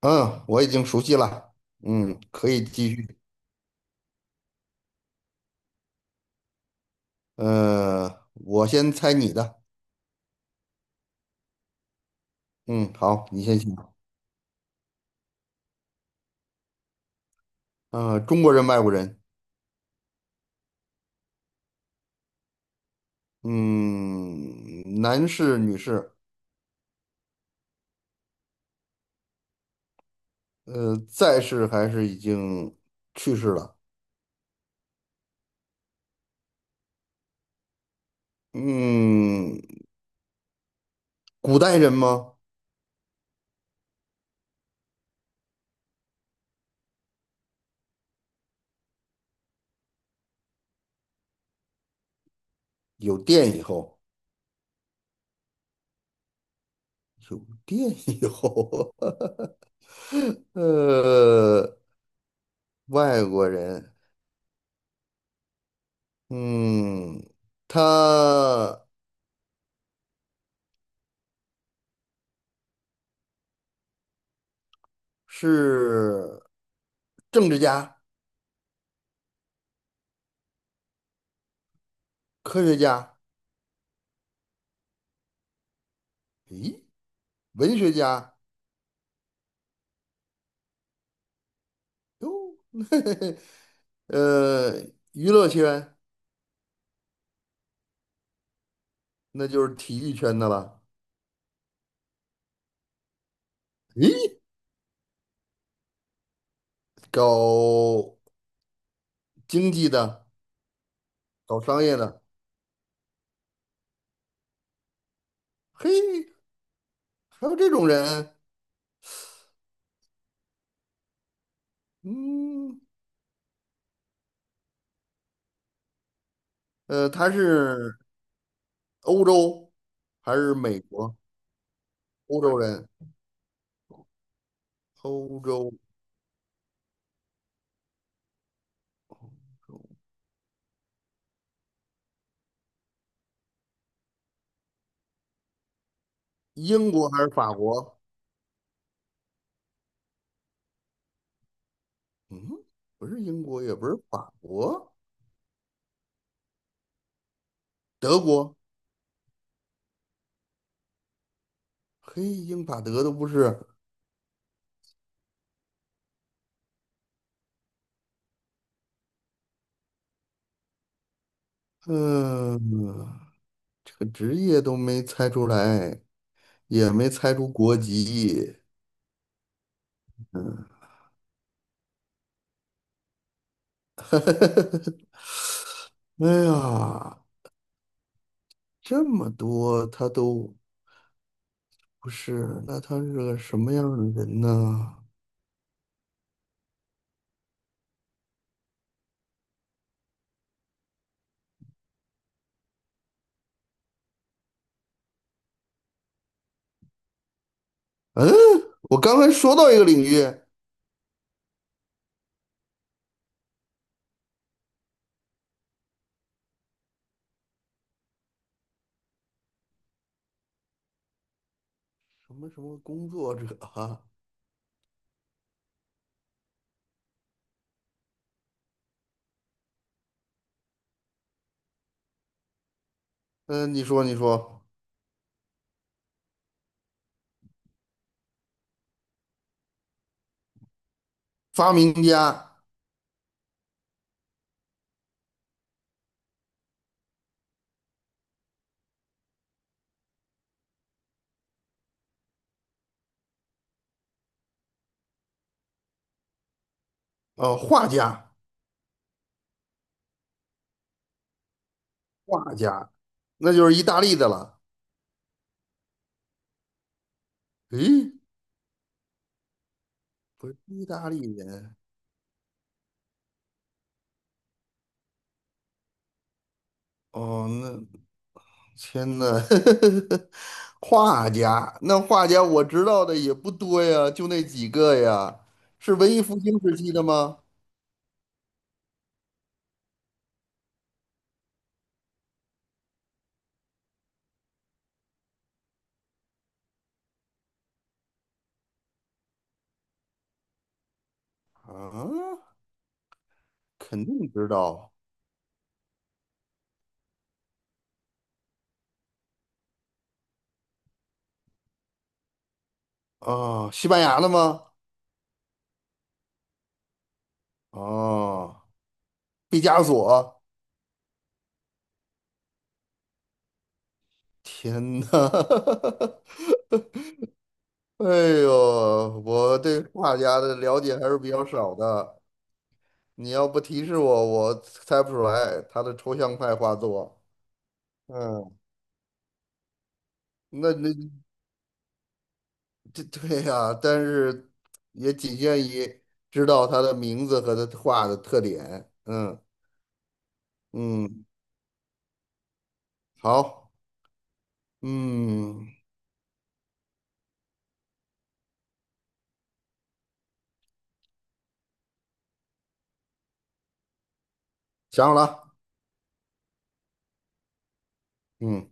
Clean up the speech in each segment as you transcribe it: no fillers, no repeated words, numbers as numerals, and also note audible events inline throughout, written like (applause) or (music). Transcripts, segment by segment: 嗯，我已经熟悉了。嗯，可以继续。我先猜你的。嗯，好，你先想。中国人，外国人。嗯，男士，女士。在世还是已经去世了？嗯，古代人吗？有电以后，有电以后。(laughs) 呃，外国人。嗯，他是政治家。科学家，咦，文学家，哟，(laughs) 嘿嘿嘿呃，娱乐圈那就是体育圈的了，咦，搞经济的，搞商业的，嘿，还有这种人，嗯，他是欧洲还是美国？欧洲人，欧洲，英国还是法国？嗯，不是英国，也不是法国，德国，嘿，英法德都不是，嗯。这个职业都没猜出来，也没猜出国籍。嗯 (laughs) 哎呀，这么多他都不是，那他是个什么样的人呢？嗯，我刚才说到一个领域，什么什么工作者啊？嗯，你说你说，发明家，画家，画家，那就是意大利的了。诶，不是意大利人哦，那。天呐，(laughs) 画家，那画家我知道的也不多呀，就那几个呀。是文艺复兴时期的吗？啊，肯定知道啊，西班牙的吗？哦，毕加索。天呐，(laughs) 哎呦，我对画家的了解还是比较少的。你要不提示我，我猜不出来他的抽象派画作。嗯，那这 (laughs) 对呀、但是也仅限于知道他的名字和他画的特点。嗯嗯，好，嗯，想好了，嗯，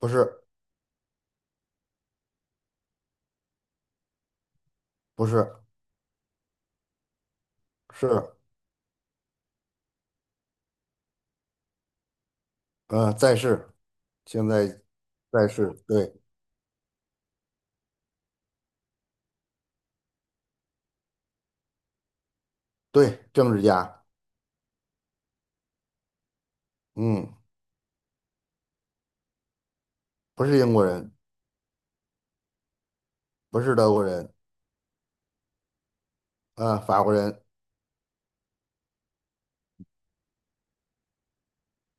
不是不是是，呃，在世，现在在世，对对，政治家，嗯，不是英国人，不是德国人，啊、法国人，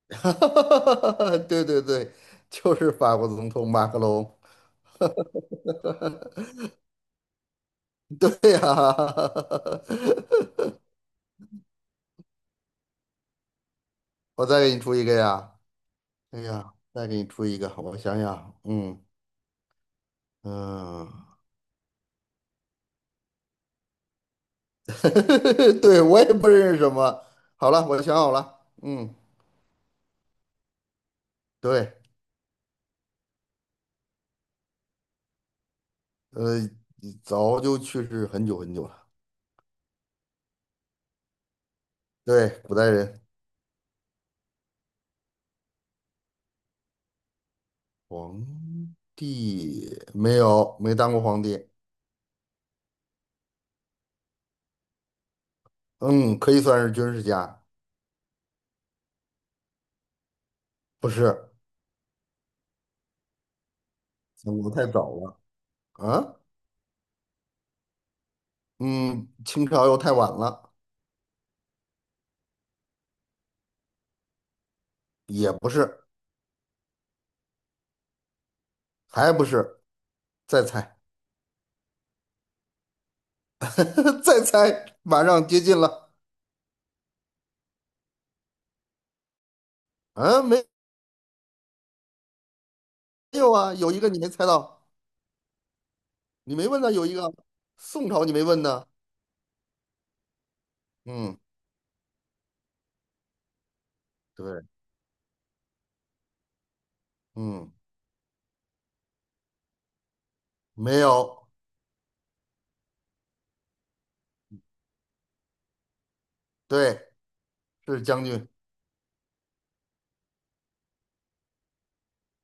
(laughs) 哈哈哈哈哈，对对对，就是法国总统马克龙，(laughs) 对呀、(laughs) 我再给你出一个呀。哎呀，再给你出一个，我想想啊，嗯嗯，(laughs) 对，我也不认识什么。好了，我想好了，嗯，对，呃，早就去世很久很久了。对，古代人，皇帝没有，没当过皇帝。嗯，可以算是军事家，不是，我国太早了啊。嗯，清朝又太晚了，也不是，还不是，再猜，(laughs) 再猜，马上接近了。啊，没。没有啊，有一个你没猜到，你没问呢，有一个宋朝你没问呢。嗯，对，嗯，没有，对，是将军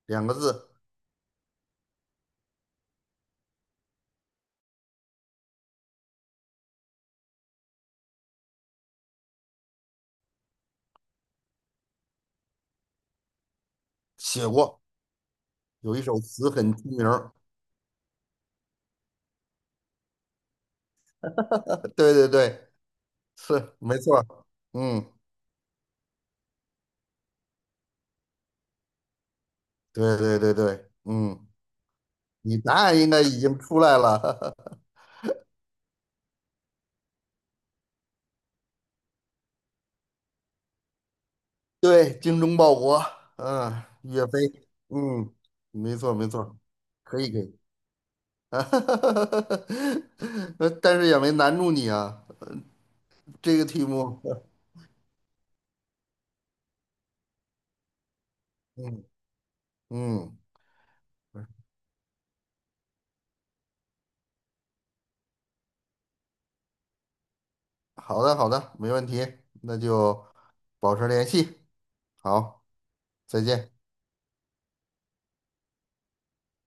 两个字，写过，有一首词很出名儿对对对，是没错儿嗯，对对对对，嗯，你答案应该已经出来了。(laughs) 对，精忠报国，嗯，岳飞，嗯，没错没错，可以可以，(laughs) 但是也没难住你啊。这个题目，嗯嗯，好的好的，没问题，那就保持联系，好，再见。